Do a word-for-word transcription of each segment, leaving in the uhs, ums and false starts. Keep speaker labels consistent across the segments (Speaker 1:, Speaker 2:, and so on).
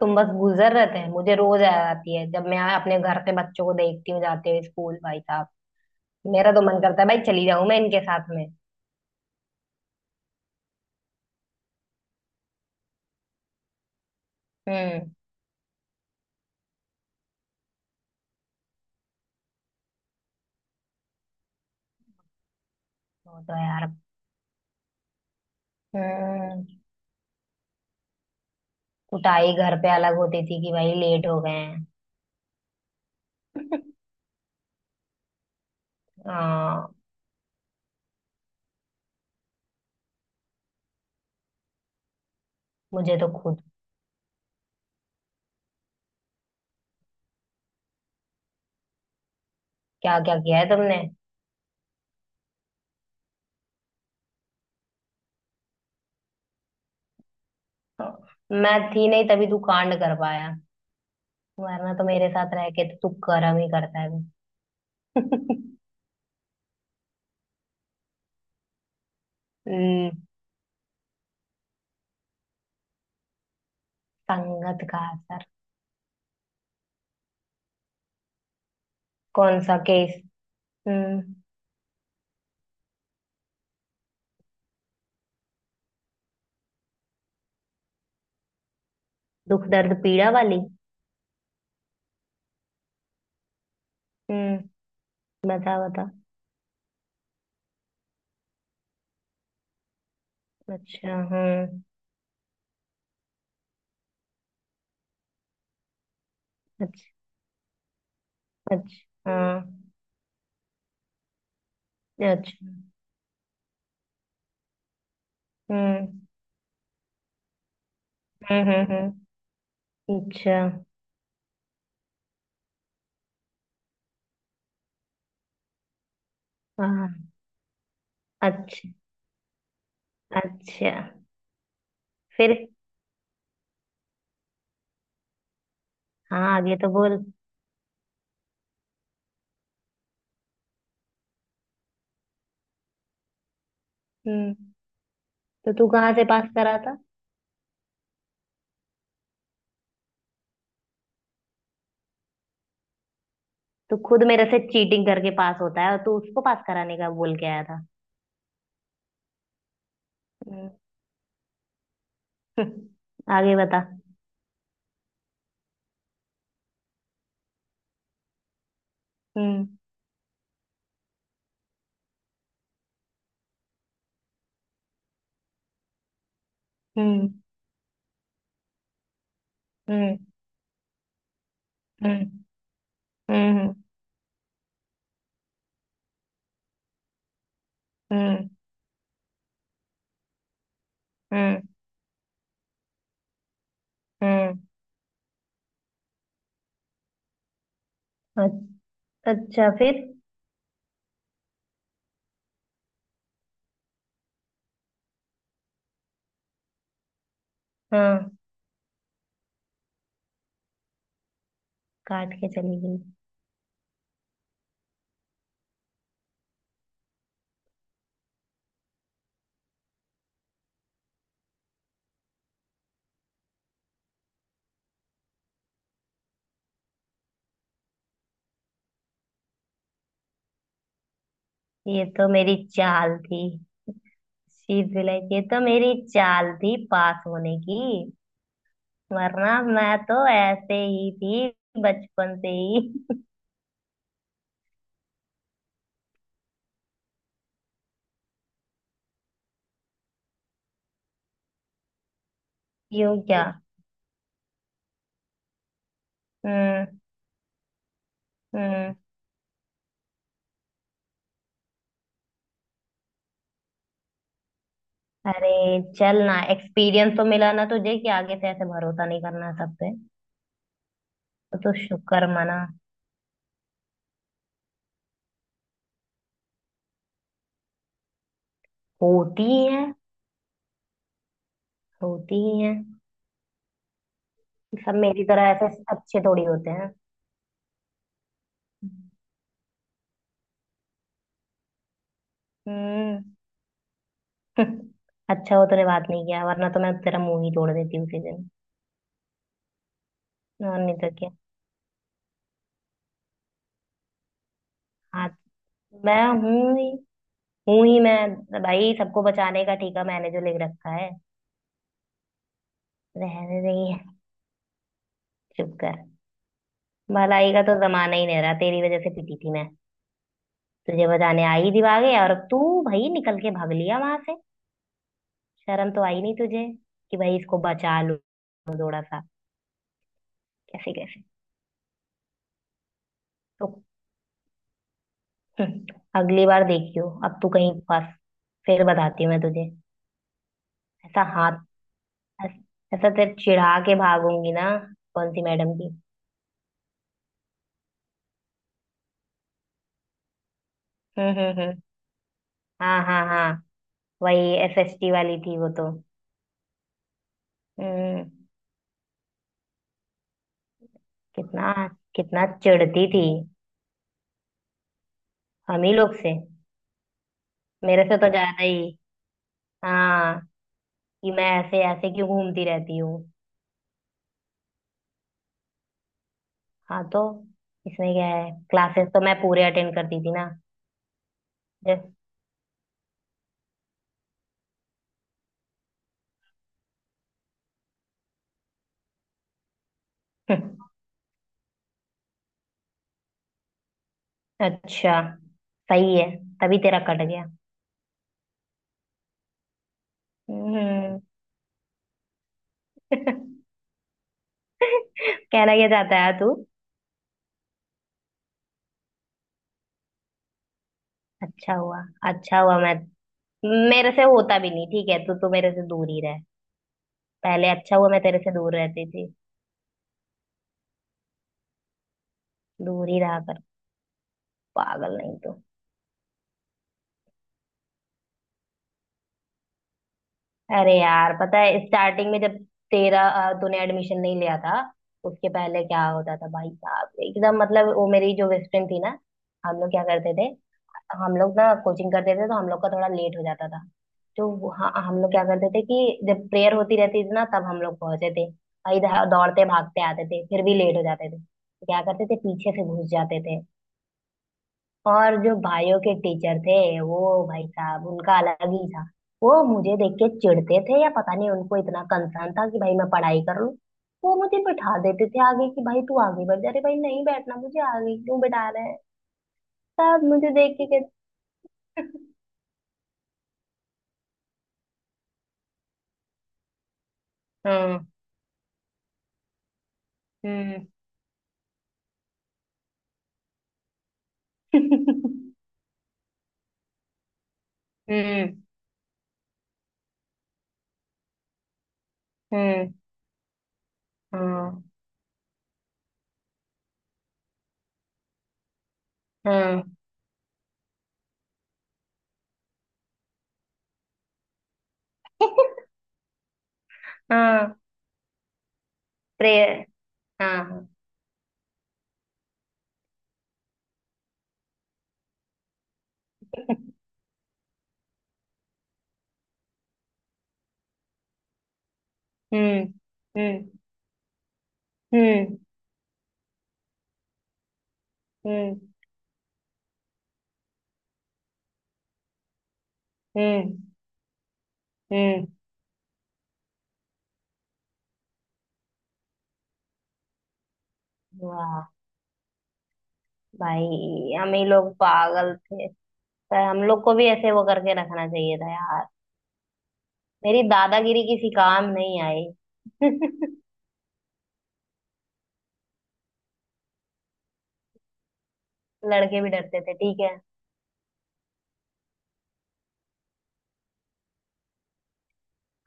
Speaker 1: तुम बस गुजर रहे थे, मुझे रोज याद आती है जब मैं अपने घर से बच्चों को देखती हूँ जाते हुए स्कूल, भाई साहब। मेरा तो मन करता है भाई चली जाऊं मैं इनके साथ में। हम्म। वो तो यार। हम्म। कुटाई घर पे अलग होती थी कि भाई लेट हो गए हैं। हाँ। मुझे तो खुद। क्या क्या किया है तुमने? मैं थी नहीं तभी तू कांड कर पाया। वरना तो मेरे साथ रह के तो तू कर्म ही करता है। हम्म, संगत का असर। कौन सा केस? हम्म। दुख दर्द पीड़ा वाली। हम्म। बता बता। अच्छा। हम्म। अच्छा। अच्छा। हाँ। अच्छा। हम्म, हम्म, हम्म। हम्म। अच्छा। हाँ। अच्छा। अच्छा, फिर? हाँ, आगे तो बोल। हम्म। तो तू कहाँ से पास करा था? तू खुद मेरे से चीटिंग करके पास होता है और तू उसको पास कराने का बोल के आया था। हम्म, हम्म, आगे बता। हम्म। हम्म। हम्म। हम्म। हम्म। हम्म। हम्म। हम्म। अ- अच्छा, फिर? हाँ। काट के चली गई। ये तो मेरी चाल थी। शी इज लाइक, ये तो मेरी चाल थी पास होने की। वरना मैं तो ऐसे ही थी। बचपन से ही। यूं क्या? हम्म। हम्म। अरे! चल ना, एक्सपीरियंस तो मिला ना तुझे कि आगे से ऐसे भरोसा नहीं करना सब पे। तो तू शुक्र मना। होती ही है। होती ही है। सब मेरी तरह ऐसे अच्छे थोड़ी होते हैं। हम्म। अच्छा हो तूने बात नहीं किया, वरना तो मैं तेरा मुंह ही तोड़ देती उसी दिन। और नहीं तो क्या। हाँ। मैं हूँ ही। हूँ ही मैं। भाई, सबको बचाने का ठेका मैंने जो लिख रखा है। रहने नहीं है। चुप कर। भलाई का तो जमाना ही नहीं रहा, तेरी वजह से पिटी थी मैं। तुझे बचाने आई थी भागे और अब तू। भाई निकल के भाग लिया वहां से। शर्म तो आई नहीं तुझे कि भाई इसको बचा लूं थोड़ा सा। कैसे कैसे? तो हम्म, अगली बार देखियो अब तू कहीं फंस। फिर बताती हूँ मैं तुझे। ऐसा हाथ। ऐसा तेरे चिढ़ा के भागूंगी ना। कौन सी मैडम की? हम्म, हम्म, हम्म। हाँ, हाँ, हाँ। वही एसएसटी वाली थी वो तो। हम्म। कितना। कितना चिढ़ती थी। हम ही लोग से। मेरे से तो ज्यादा ही। हाँ। कि मैं ऐसे ऐसे क्यों घूमती रहती हूँ। हाँ, तो इसमें क्या है, क्लासेस तो मैं पूरे अटेंड करती थी ना। जैस- अच्छा। सही है। तभी तेरा कट गया। हम्म। कहना क्या चाहता है तू? अच्छा हुआ। अच्छा हुआ मैं। मेरे से होता भी नहीं, ठीक है, तू तो मेरे से दूर ही रह। पहले अच्छा हुआ मैं तेरे से दूर रहती थी। दूर ही रहा कर। पागल, नहीं तो। अरे यार, पता है स्टार्टिंग में जब तेरा अ, तूने एडमिशन नहीं लिया था, उसके पहले क्या होता था भाई साहब, एकदम, मतलब वो मेरी जो बेस्ट फ्रेंड थी ना, हम लोग क्या करते थे। हम लोग ना कोचिंग करते थे तो हम लोग का थोड़ा लेट हो जाता था। तो वो- हाँ, हम लोग क्या करते थे कि जब प्रेयर होती रहती थी ना तब हम लोग पहुंचे थे। और इधर दौड़ते भागते आते थे, फिर भी लेट हो जाते थे, तो क्या करते थे पीछे से घुस जाते थे। और जो भाइयों के टीचर थे, वो भाई साहब, उनका अलग ही था। वो मुझे देख के चिढ़ते थे या पता नहीं उनको इतना कंसर्न था कि भाई मैं पढ़ाई कर लूं। वो मुझे बैठा देते थे आगे कि भाई तू आगे बढ़ जा, अरे भाई नहीं बैठना मुझे, आगे क्यों बैठा रहे हैं। सब मुझे देख के कहते- हम्म, हम्म। हम्म, हम्म, हम्म, हाँ, हाँ। हाँ। प्रेयर। हाँ, हाँ। हम्म, हम्म, हम्म। हम्म, हम्म, हम्म। वाह! भाई, हम ही लोग पागल थे। पर हम लोग को भी ऐसे वो करके रखना चाहिए था यार। मेरी दादागिरी किसी काम नहीं आई। लड़के भी डरते थे, ठीक है।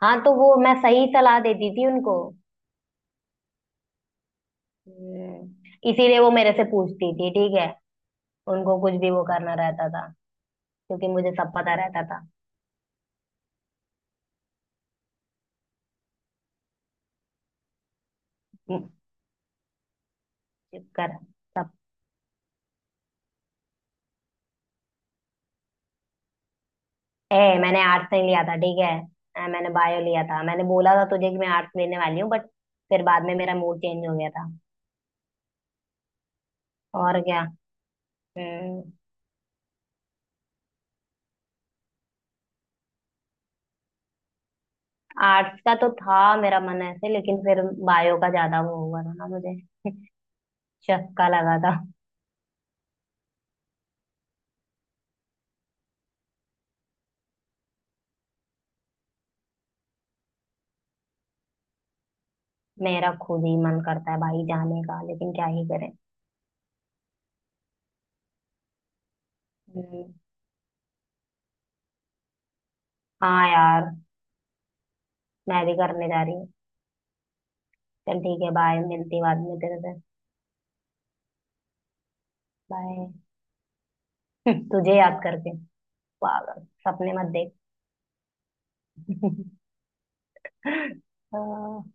Speaker 1: हाँ, तो वो मैं सही सलाह देती थी उनको। हम्म। इसीलिए वो मेरे से पूछती थी, ठीक है, उनको कुछ भी वो करना रहता था, क्योंकि मुझे सब पता रहता था। हम्म। चुप कर। ए! मैंने आर्ट्स नहीं लिया था, ठीक है। अ, मैंने बायो लिया था, मैंने बोला था तुझे कि मैं आर्ट्स लेने वाली हूँ, बट फिर बाद में मेरा मूड चेंज हो गया था। और क्या। हम्म। आर्ट्स का तो था मेरा मन ऐसे, लेकिन फिर बायो का ज्यादा वो हुआ था ना मुझे। चक्का लगा था। मेरा खुद ही मन करता है भाई जाने का, लेकिन क्या ही करें। हम्म। हाँ यार। मैं भी करने जा रही हूँ। चल ठीक है, बाय, मिलती बाद में तेरे से। बाय। तुझे याद करके? पागल! सपने मत देख। हाँ।